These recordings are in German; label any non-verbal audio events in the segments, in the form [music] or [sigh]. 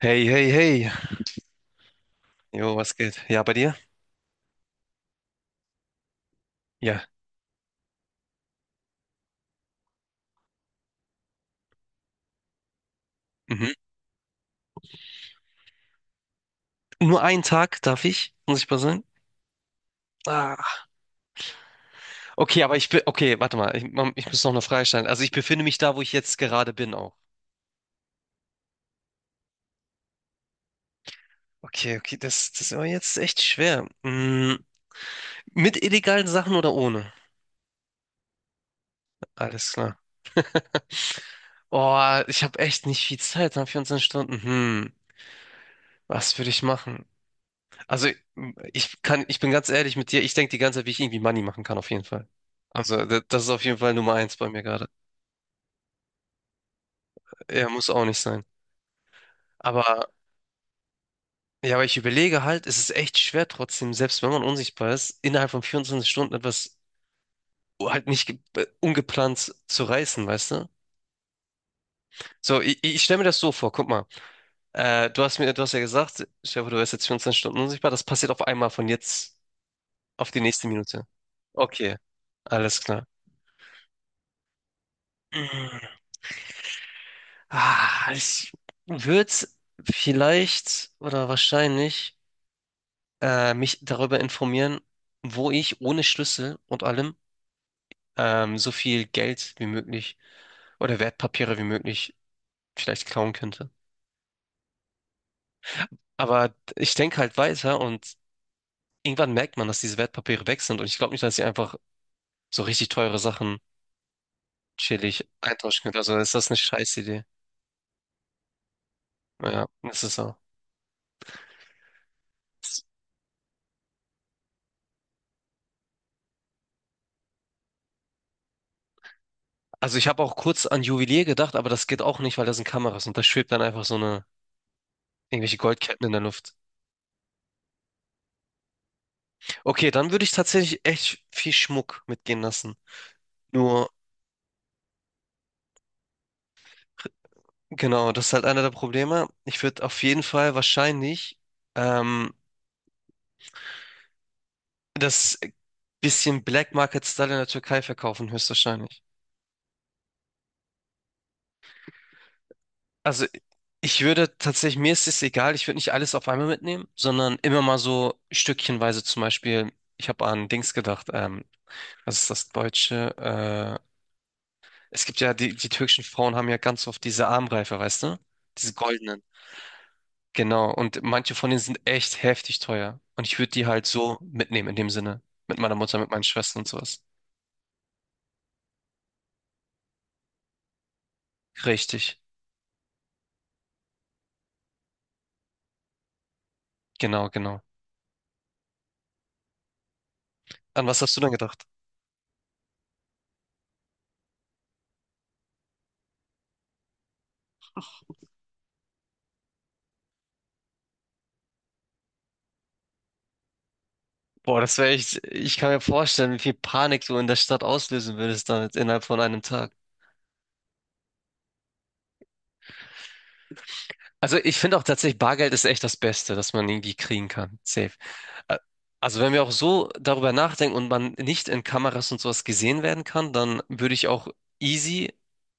Hey, hey, hey. Jo, was geht? Ja, bei dir? Ja. Mhm. Nur einen Tag darf ich, muss ich mal sagen. Ah. Okay, aber ich bin. Okay, warte mal. Ich muss noch eine Frage stellen. Also ich befinde mich da, wo ich jetzt gerade bin auch. Okay, okay, das ist aber jetzt echt schwer. Mit illegalen Sachen oder ohne? Alles klar. [laughs] Oh, ich habe echt nicht viel Zeit, ne? 24 Stunden. Was würde ich machen? Also ich kann, ich bin ganz ehrlich mit dir, ich denke die ganze Zeit, wie ich irgendwie Money machen kann, auf jeden Fall. Also das ist auf jeden Fall Nummer eins bei mir gerade. Er muss auch nicht sein. Aber ja, aber ich überlege halt, es ist echt schwer trotzdem, selbst wenn man unsichtbar ist, innerhalb von 24 Stunden etwas halt nicht ungeplant zu reißen, weißt du? So, ich stelle mir das so vor, guck mal. Du hast ja gesagt, Stefan, du wärst jetzt 24 Stunden unsichtbar, das passiert auf einmal von jetzt auf die nächste Minute. Okay, alles klar. Ah, ich würde vielleicht oder wahrscheinlich mich darüber informieren, wo ich ohne Schlüssel und allem so viel Geld wie möglich oder Wertpapiere wie möglich vielleicht klauen könnte. Aber ich denke halt weiter und irgendwann merkt man, dass diese Wertpapiere weg sind und ich glaube nicht, dass ich einfach so richtig teure Sachen chillig eintauschen könnte. Also ist das eine Scheißidee. Ja, das ist so. Also ich habe auch kurz an Juwelier gedacht, aber das geht auch nicht, weil da sind Kameras und da schwebt dann einfach so eine Irgendwelche Goldketten in der Luft. Okay, dann würde ich tatsächlich echt viel Schmuck mitgehen lassen. Nur, genau, das ist halt einer der Probleme. Ich würde auf jeden Fall wahrscheinlich ähm, das bisschen Black Market Style in der Türkei verkaufen, höchstwahrscheinlich. Also ich würde tatsächlich, mir ist es egal, ich würde nicht alles auf einmal mitnehmen, sondern immer mal so stückchenweise zum Beispiel, ich habe an Dings gedacht, was ist das Deutsche? Es gibt ja, die türkischen Frauen haben ja ganz oft diese Armreife, weißt du? Diese goldenen. Genau, und manche von denen sind echt heftig teuer. Und ich würde die halt so mitnehmen in dem Sinne. Mit meiner Mutter, mit meinen Schwestern und sowas. Richtig, genau, genau. An was hast du denn gedacht? Boah, das wäre echt, ich kann mir vorstellen, wie viel Panik du in der Stadt auslösen würdest damit innerhalb von einem Tag. Also ich finde auch tatsächlich, Bargeld ist echt das Beste, das man irgendwie kriegen kann. Safe. Ä- Also wenn wir auch so darüber nachdenken und man nicht in Kameras und sowas gesehen werden kann, dann würde ich auch easy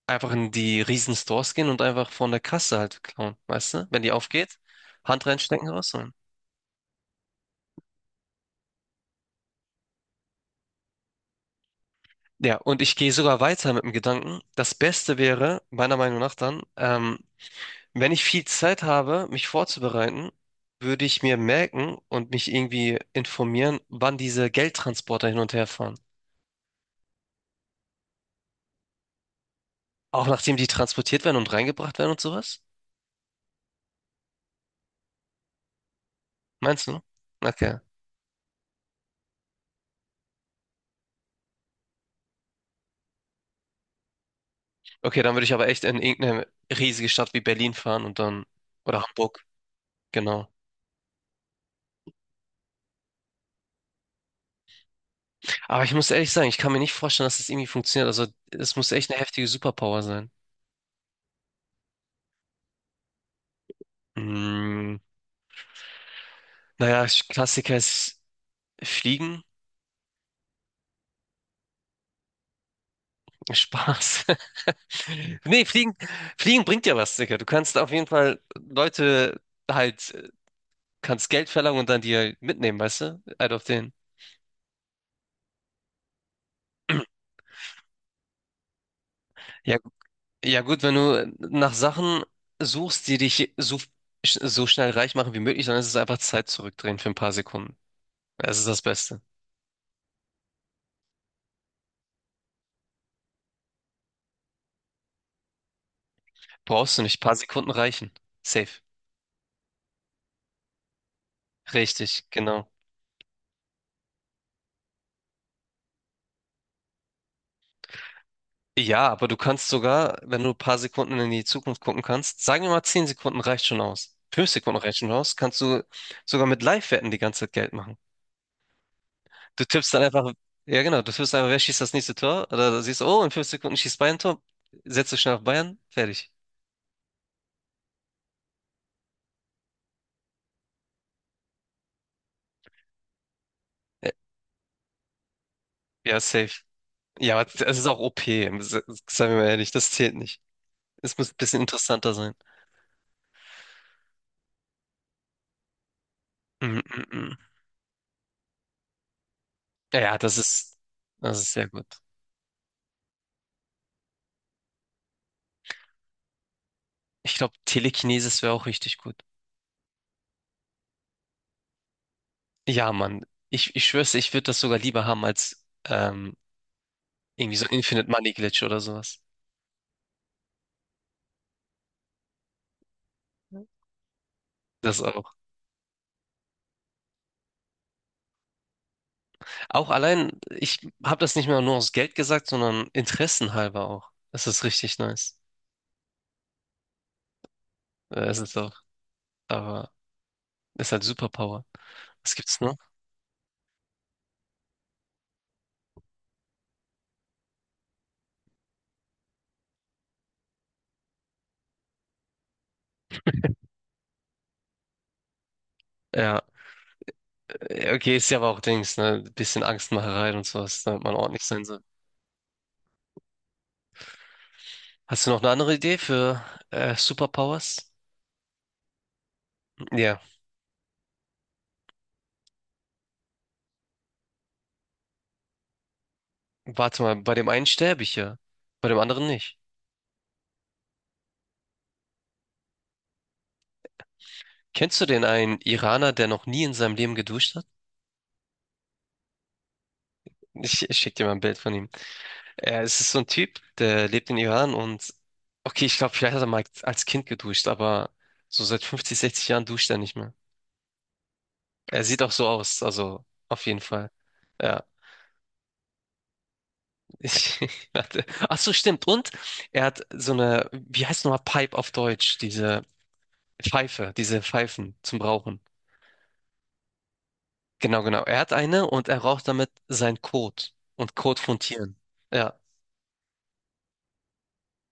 einfach in die riesen Stores gehen und einfach von der Kasse halt klauen, weißt du? Wenn die aufgeht, Hand reinstecken, rausholen. Ja, und ich gehe sogar weiter mit dem Gedanken, das Beste wäre, meiner Meinung nach dann, wenn ich viel Zeit habe, mich vorzubereiten, würde ich mir merken und mich irgendwie informieren, wann diese Geldtransporter hin und her fahren. Auch nachdem die transportiert werden und reingebracht werden und sowas? Meinst du? Okay. Okay, dann würde ich aber echt in irgendeine riesige Stadt wie Berlin fahren und dann, oder Hamburg, genau. Aber ich muss ehrlich sagen, ich kann mir nicht vorstellen, dass das irgendwie funktioniert. Also, es muss echt eine heftige Superpower sein. Mm, naja, Klassiker ist Fliegen. [laughs] Spaß. Nee, Fliegen, Fliegen bringt ja was, Digga. Du kannst auf jeden Fall Leute halt, kannst Geld verlangen und dann die halt mitnehmen, weißt du? Halt auf den. Ja, ja gut, wenn du nach Sachen suchst, die dich so, so schnell reich machen wie möglich, dann ist es einfach Zeit zurückdrehen für ein paar Sekunden. Das ist das Beste. Brauchst du nicht, ein paar Sekunden reichen. Safe. Richtig, genau. Ja, aber du kannst sogar, wenn du ein paar Sekunden in die Zukunft gucken kannst, sagen wir mal 10 Sekunden reicht schon aus. 5 Sekunden reicht schon aus, kannst du sogar mit Live-Wetten die ganze Zeit Geld machen. Du tippst dann einfach, ja genau, du tippst einfach, wer schießt das nächste Tor? Oder du siehst, oh, in 5 Sekunden schießt Bayern ein Tor, setzt du schnell auf Bayern, fertig. Ja, ja, safe. Ja, aber es ist auch OP, se- seien wir mal ehrlich, das zählt nicht. Es muss ein bisschen interessanter sein. Mm, mm, mm. Ja, ja, das ist sehr gut. Ich glaube, Telekinesis wäre auch richtig gut. Ja, Mann, ich schwör's, dir, ich würde das sogar lieber haben als irgendwie so Infinite Money Glitch oder sowas. Das auch. Auch allein, ich habe das nicht mehr nur aus Geld gesagt, sondern interessenhalber auch. Das ist richtig nice. Es ist auch, aber ist halt Superpower. Was gibt's noch? Ja, okay, ist ja aber auch Dings, ne? Bisschen Angstmacherei und sowas, damit man ordentlich sein soll. Hast du noch eine andere Idee für Superpowers? Ja, warte mal, bei dem einen sterbe ich ja, bei dem anderen nicht. Kennst du den einen Iraner, der noch nie in seinem Leben geduscht hat? Ich schick dir mal ein Bild von ihm. Er, es ist so ein Typ, der lebt in Iran und okay, ich glaube, vielleicht hat er mal als Kind geduscht, aber so seit 50, 60 Jahren duscht er nicht mehr. Er sieht auch so aus, also auf jeden Fall. Ja, ich [laughs] hatte. Ach so, stimmt. Und er hat so eine, wie heißt nochmal Pipe auf Deutsch? Diese Pfeife, diese Pfeifen zum Rauchen. Genau, genau. Er hat eine und er raucht damit seinen Kot und Kot von Tieren. Ja.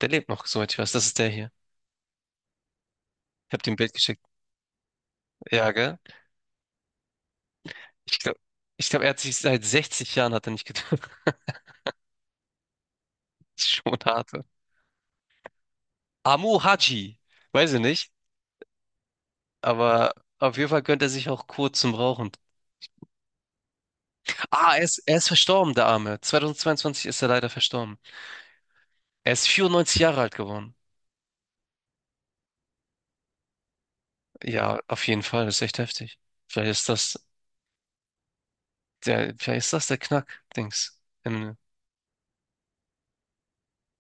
Der lebt noch, soweit ich weiß. Das ist der hier. Ich habe dir ein Bild geschickt. Ja, gell? Ich glaube, ich glaub, er hat sich seit 60 Jahren hat er nicht getroffen. [laughs] Das ist schon hart. Amu Haji. Weiß ich nicht. Aber auf jeden Fall gönnt er sich auch kurz zum Rauchen. Ah, er ist verstorben, der Arme. 2022 ist er leider verstorben. Er ist 94 Jahre alt geworden. Ja, auf jeden Fall. Das ist echt heftig. Vielleicht ist das vielleicht ist das der Knack-Dings.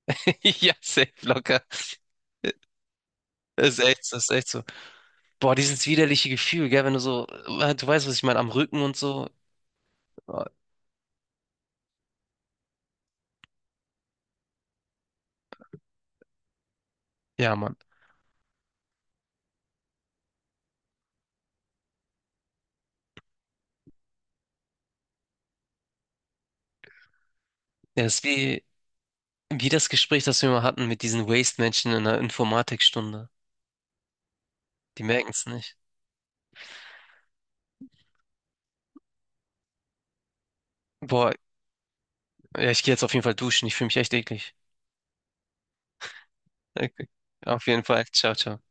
[laughs] Ja, safe locker. Ist echt, das ist echt so. Boah, dieses widerliche Gefühl, gell, wenn du so, du weißt, was ich meine, am Rücken und so. Oh, ja, Mann. Ja, das ist wie, das Gespräch, das wir mal hatten mit diesen Waste-Menschen in der Informatikstunde. Die merken es nicht. Boah, ja, ich gehe jetzt auf jeden Fall duschen. Ich fühle mich echt eklig. Okay. Auf jeden Fall. Ciao, ciao.